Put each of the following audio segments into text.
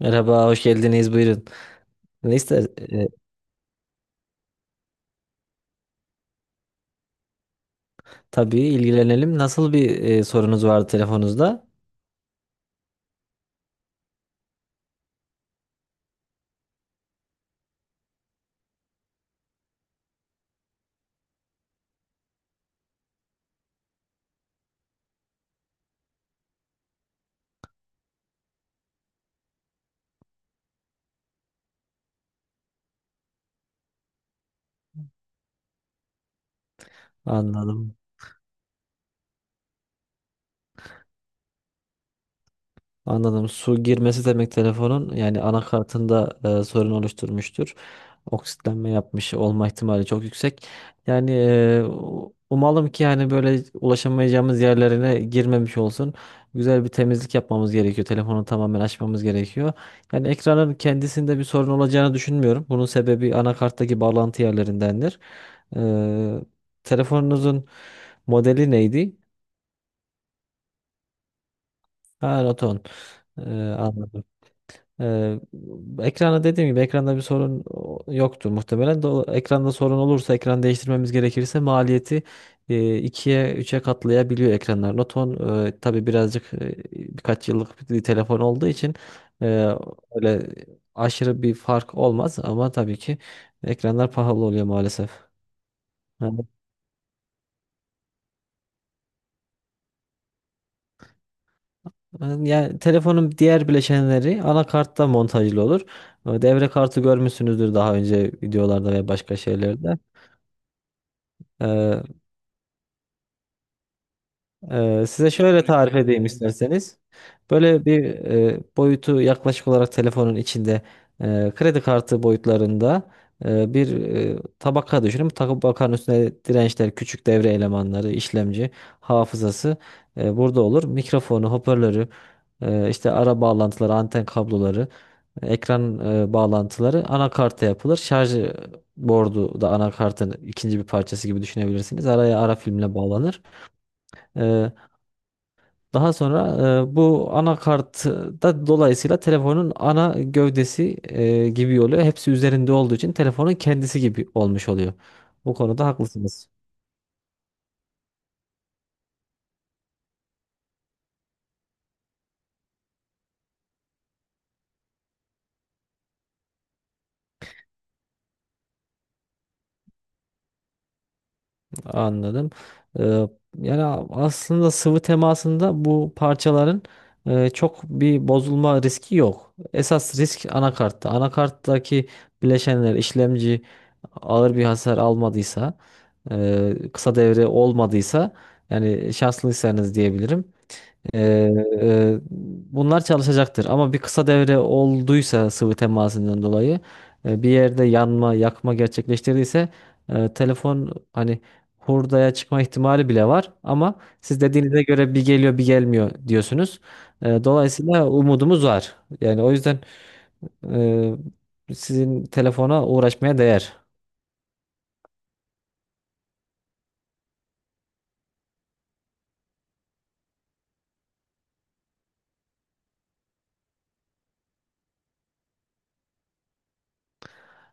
Merhaba, hoş geldiniz. Buyurun. Neyse, tabii ilgilenelim. Nasıl bir sorunuz vardı telefonunuzda? Anladım. Anladım. Su girmesi demek telefonun yani anakartında sorun oluşturmuştur. Oksitlenme yapmış olma ihtimali çok yüksek. Yani umalım ki yani böyle ulaşamayacağımız yerlerine girmemiş olsun. Güzel bir temizlik yapmamız gerekiyor. Telefonu tamamen açmamız gerekiyor. Yani ekranın kendisinde bir sorun olacağını düşünmüyorum. Bunun sebebi anakarttaki bağlantı yerlerindendir. Telefonunuzun modeli neydi? Ha, Roton. E, Anladım. Ee, Ekrana dediğim gibi ekranda bir sorun yoktur muhtemelen. Ekranda sorun olursa ekran değiştirmemiz gerekirse maliyeti ikiye üçe katlayabiliyor ekranlar. Noton tabii birazcık birkaç yıllık bir telefon olduğu için e, öyle aşırı bir fark olmaz ama tabii ki ekranlar pahalı oluyor maalesef. Yani, yani telefonun diğer bileşenleri anakartta montajlı olur. Devre kartı görmüşsünüzdür daha önce videolarda ve başka şeylerde. E, Size şöyle tarif edeyim isterseniz. Böyle bir boyutu yaklaşık olarak telefonun içinde kredi kartı boyutlarında bir tabaka düşünün. Tabakanın üstüne dirençler, küçük devre elemanları, işlemci, hafızası burada olur. Mikrofonu, hoparlörü, işte ara bağlantıları, anten kabloları, ekran bağlantıları anakarta yapılır. Şarj bordu da anakartın ikinci bir parçası gibi düşünebilirsiniz. Araya ara filmle bağlanır. E, Daha sonra bu anakart da dolayısıyla telefonun ana gövdesi gibi oluyor. Hepsi üzerinde olduğu için telefonun kendisi gibi olmuş oluyor. Bu konuda haklısınız. Anladım. E, Yani aslında sıvı temasında bu parçaların çok bir bozulma riski yok. Esas risk anakartta. Anakarttaki bileşenler işlemci ağır bir hasar almadıysa, kısa devre olmadıysa yani şanslıysanız diyebilirim. Ee, e, Bunlar çalışacaktır ama bir kısa devre olduysa sıvı temasından dolayı bir yerde yanma, yakma gerçekleştirdiyse telefon hani hurdaya çıkma ihtimali bile var ama siz dediğinize göre bir geliyor bir gelmiyor diyorsunuz. Dolayısıyla umudumuz var. Yani o yüzden sizin telefona uğraşmaya değer.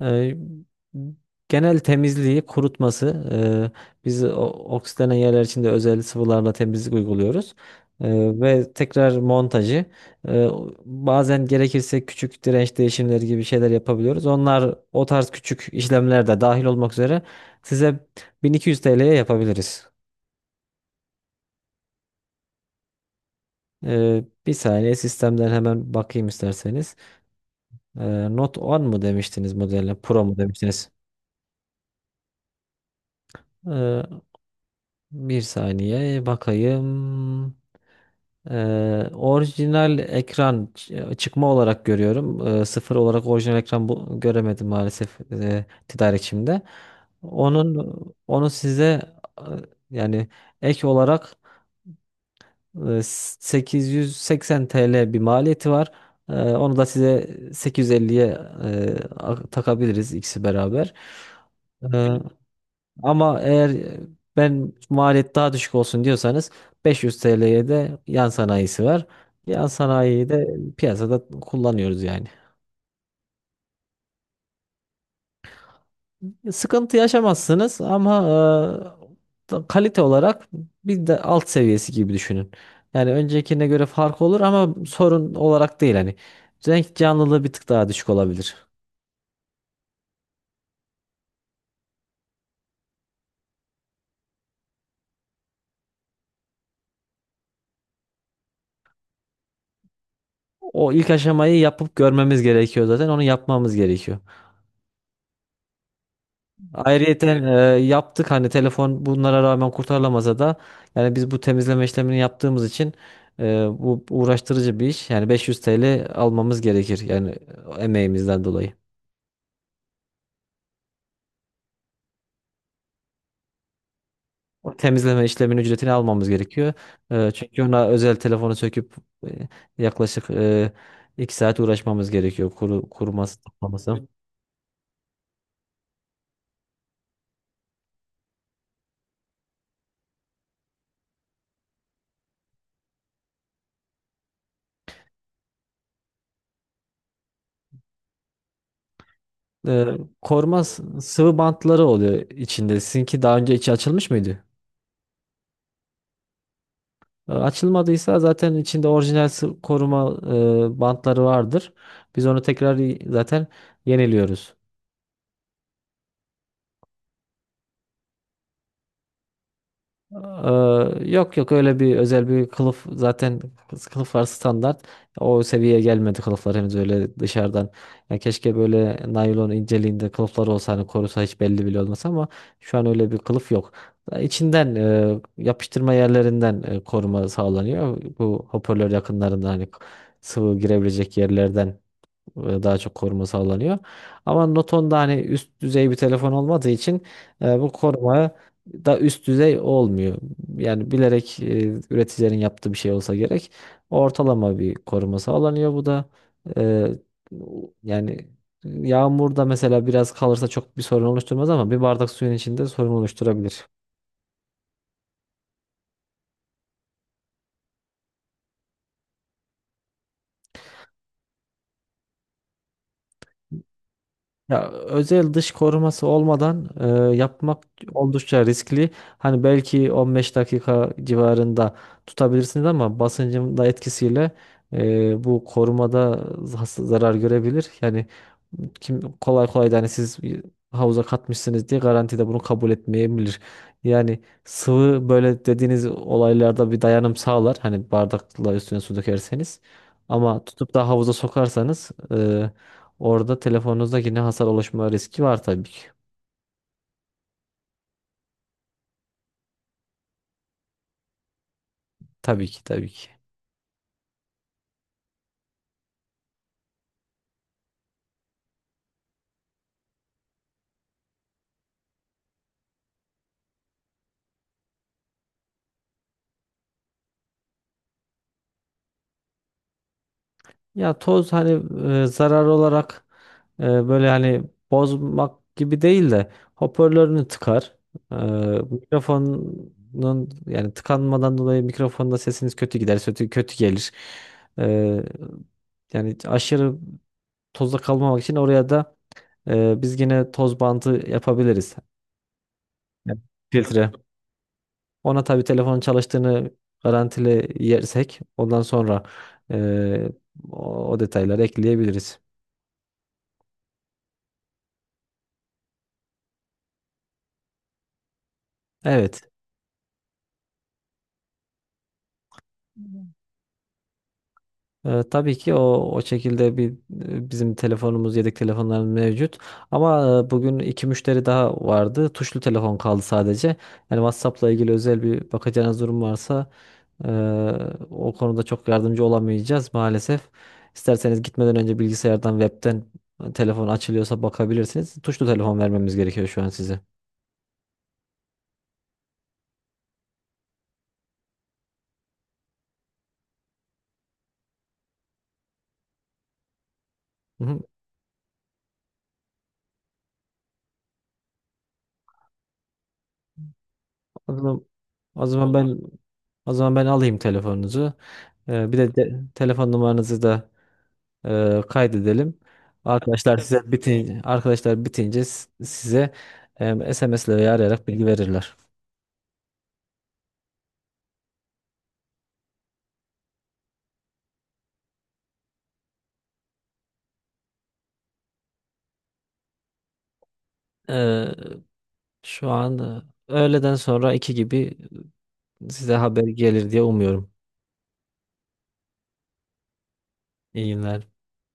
Eee, Genel temizliği, kurutması. Biz oksitlenen yerler için de özel sıvılarla temizlik uyguluyoruz. Ve tekrar montajı. Eee, Bazen gerekirse küçük direnç değişimleri gibi şeyler yapabiliyoruz. Onlar o tarz küçük işlemler de dahil olmak üzere size 1.200 TL'ye yapabiliriz. Bir saniye sistemden hemen bakayım isterseniz. Note 10 mu demiştiniz modelle? Pro mu demiştiniz? Eee, Bir saniye bakayım. Orijinal ekran çıkma olarak görüyorum. Sıfır olarak orijinal ekran bu, göremedim maalesef tedarikçimde. Onun onu size e, yani ek olarak 880 TL bir maliyeti var. Onu da size 850'ye takabiliriz ikisi beraber. Ee, Ama eğer ben maliyet daha düşük olsun diyorsanız 500 TL'ye de yan sanayisi var. Yan sanayiyi de piyasada kullanıyoruz yani. Sıkıntı yaşamazsınız ama kalite olarak bir de alt seviyesi gibi düşünün. Yani öncekine göre fark olur ama sorun olarak değil hani. Renk canlılığı bir tık daha düşük olabilir. O ilk aşamayı yapıp görmemiz gerekiyor zaten. Onu yapmamız gerekiyor. Ayrıyeten yaptık hani telefon bunlara rağmen kurtarılamasa da yani biz bu temizleme işlemini yaptığımız için bu uğraştırıcı bir iş. Yani 500 TL almamız gerekir yani emeğimizden dolayı. O temizleme işleminin ücretini almamız gerekiyor. Çünkü ona özel telefonu söküp e, yaklaşık 2 saat uğraşmamız gerekiyor kuruması, toplaması. E, Koruma sıvı bantları oluyor içinde. Sizinki daha önce içi açılmış mıydı? Açılmadıysa zaten içinde orijinal koruma bantları vardır. Biz onu tekrar zaten yeniliyoruz. E, Yok yok öyle bir özel bir kılıf zaten kılıflar standart. O seviyeye gelmedi kılıflar henüz öyle dışarıdan. Ya keşke böyle naylon inceliğinde kılıflar olsa hani korusa hiç belli bile olmasa ama şu an öyle bir kılıf yok. İçinden yapıştırma yerlerinden koruma sağlanıyor. Bu hoparlör yakınlarında hani sıvı girebilecek yerlerden daha çok koruma sağlanıyor. Ama Noton da hani üst düzey bir telefon olmadığı için bu koruma da üst düzey olmuyor. Yani bilerek üreticilerin yaptığı bir şey olsa gerek. Ortalama bir koruma sağlanıyor bu da. E, Yani yağmurda mesela biraz kalırsa çok bir sorun oluşturmaz ama bir bardak suyun içinde sorun oluşturabilir. Ya özel dış koruması olmadan yapmak oldukça riskli. Hani belki 15 dakika civarında tutabilirsiniz ama basıncın da etkisiyle bu korumada zarar görebilir. Yani kim kolay kolay da hani siz bir havuza katmışsınız diye garantide bunu kabul etmeyebilir. Yani sıvı böyle dediğiniz olaylarda bir dayanım sağlar. Hani bardakla üstüne su dökerseniz. Ama tutup da havuza sokarsanız orada telefonunuzda yine hasar oluşma riski var tabii ki. Tabii ki, tabii ki. Ya toz hani zarar olarak böyle hani bozmak gibi değil de hoparlörünü tıkar. E, Mikrofonun yani tıkanmadan dolayı mikrofonda sesiniz kötü gider, kötü gelir. E, Yani aşırı tozda kalmamak için oraya da biz yine toz bandı yapabiliriz. Evet. Filtre. Ona tabii telefonun çalıştığını garantili yersek ondan sonra e, o detayları ekleyebiliriz. Evet. Tabii ki o şekilde bir bizim telefonumuz, yedek telefonlarımız mevcut. Ama bugün iki müşteri daha vardı. Tuşlu telefon kaldı sadece. Yani WhatsApp'la ilgili özel bir bakacağınız durum varsa e, o konuda çok yardımcı olamayacağız maalesef. İsterseniz gitmeden önce bilgisayardan, webten telefon açılıyorsa bakabilirsiniz. Tuşlu telefon vermemiz gerekiyor şu an size. Hı hı. O zaman, o zaman ben alayım telefonunuzu. Bir de, telefon numaranızı da kaydedelim. Arkadaşlar bitince size SMS ile veya arayarak bilgi verirler. Ee, Şu an öğleden sonra iki gibi size haber gelir diye umuyorum. İyi günler.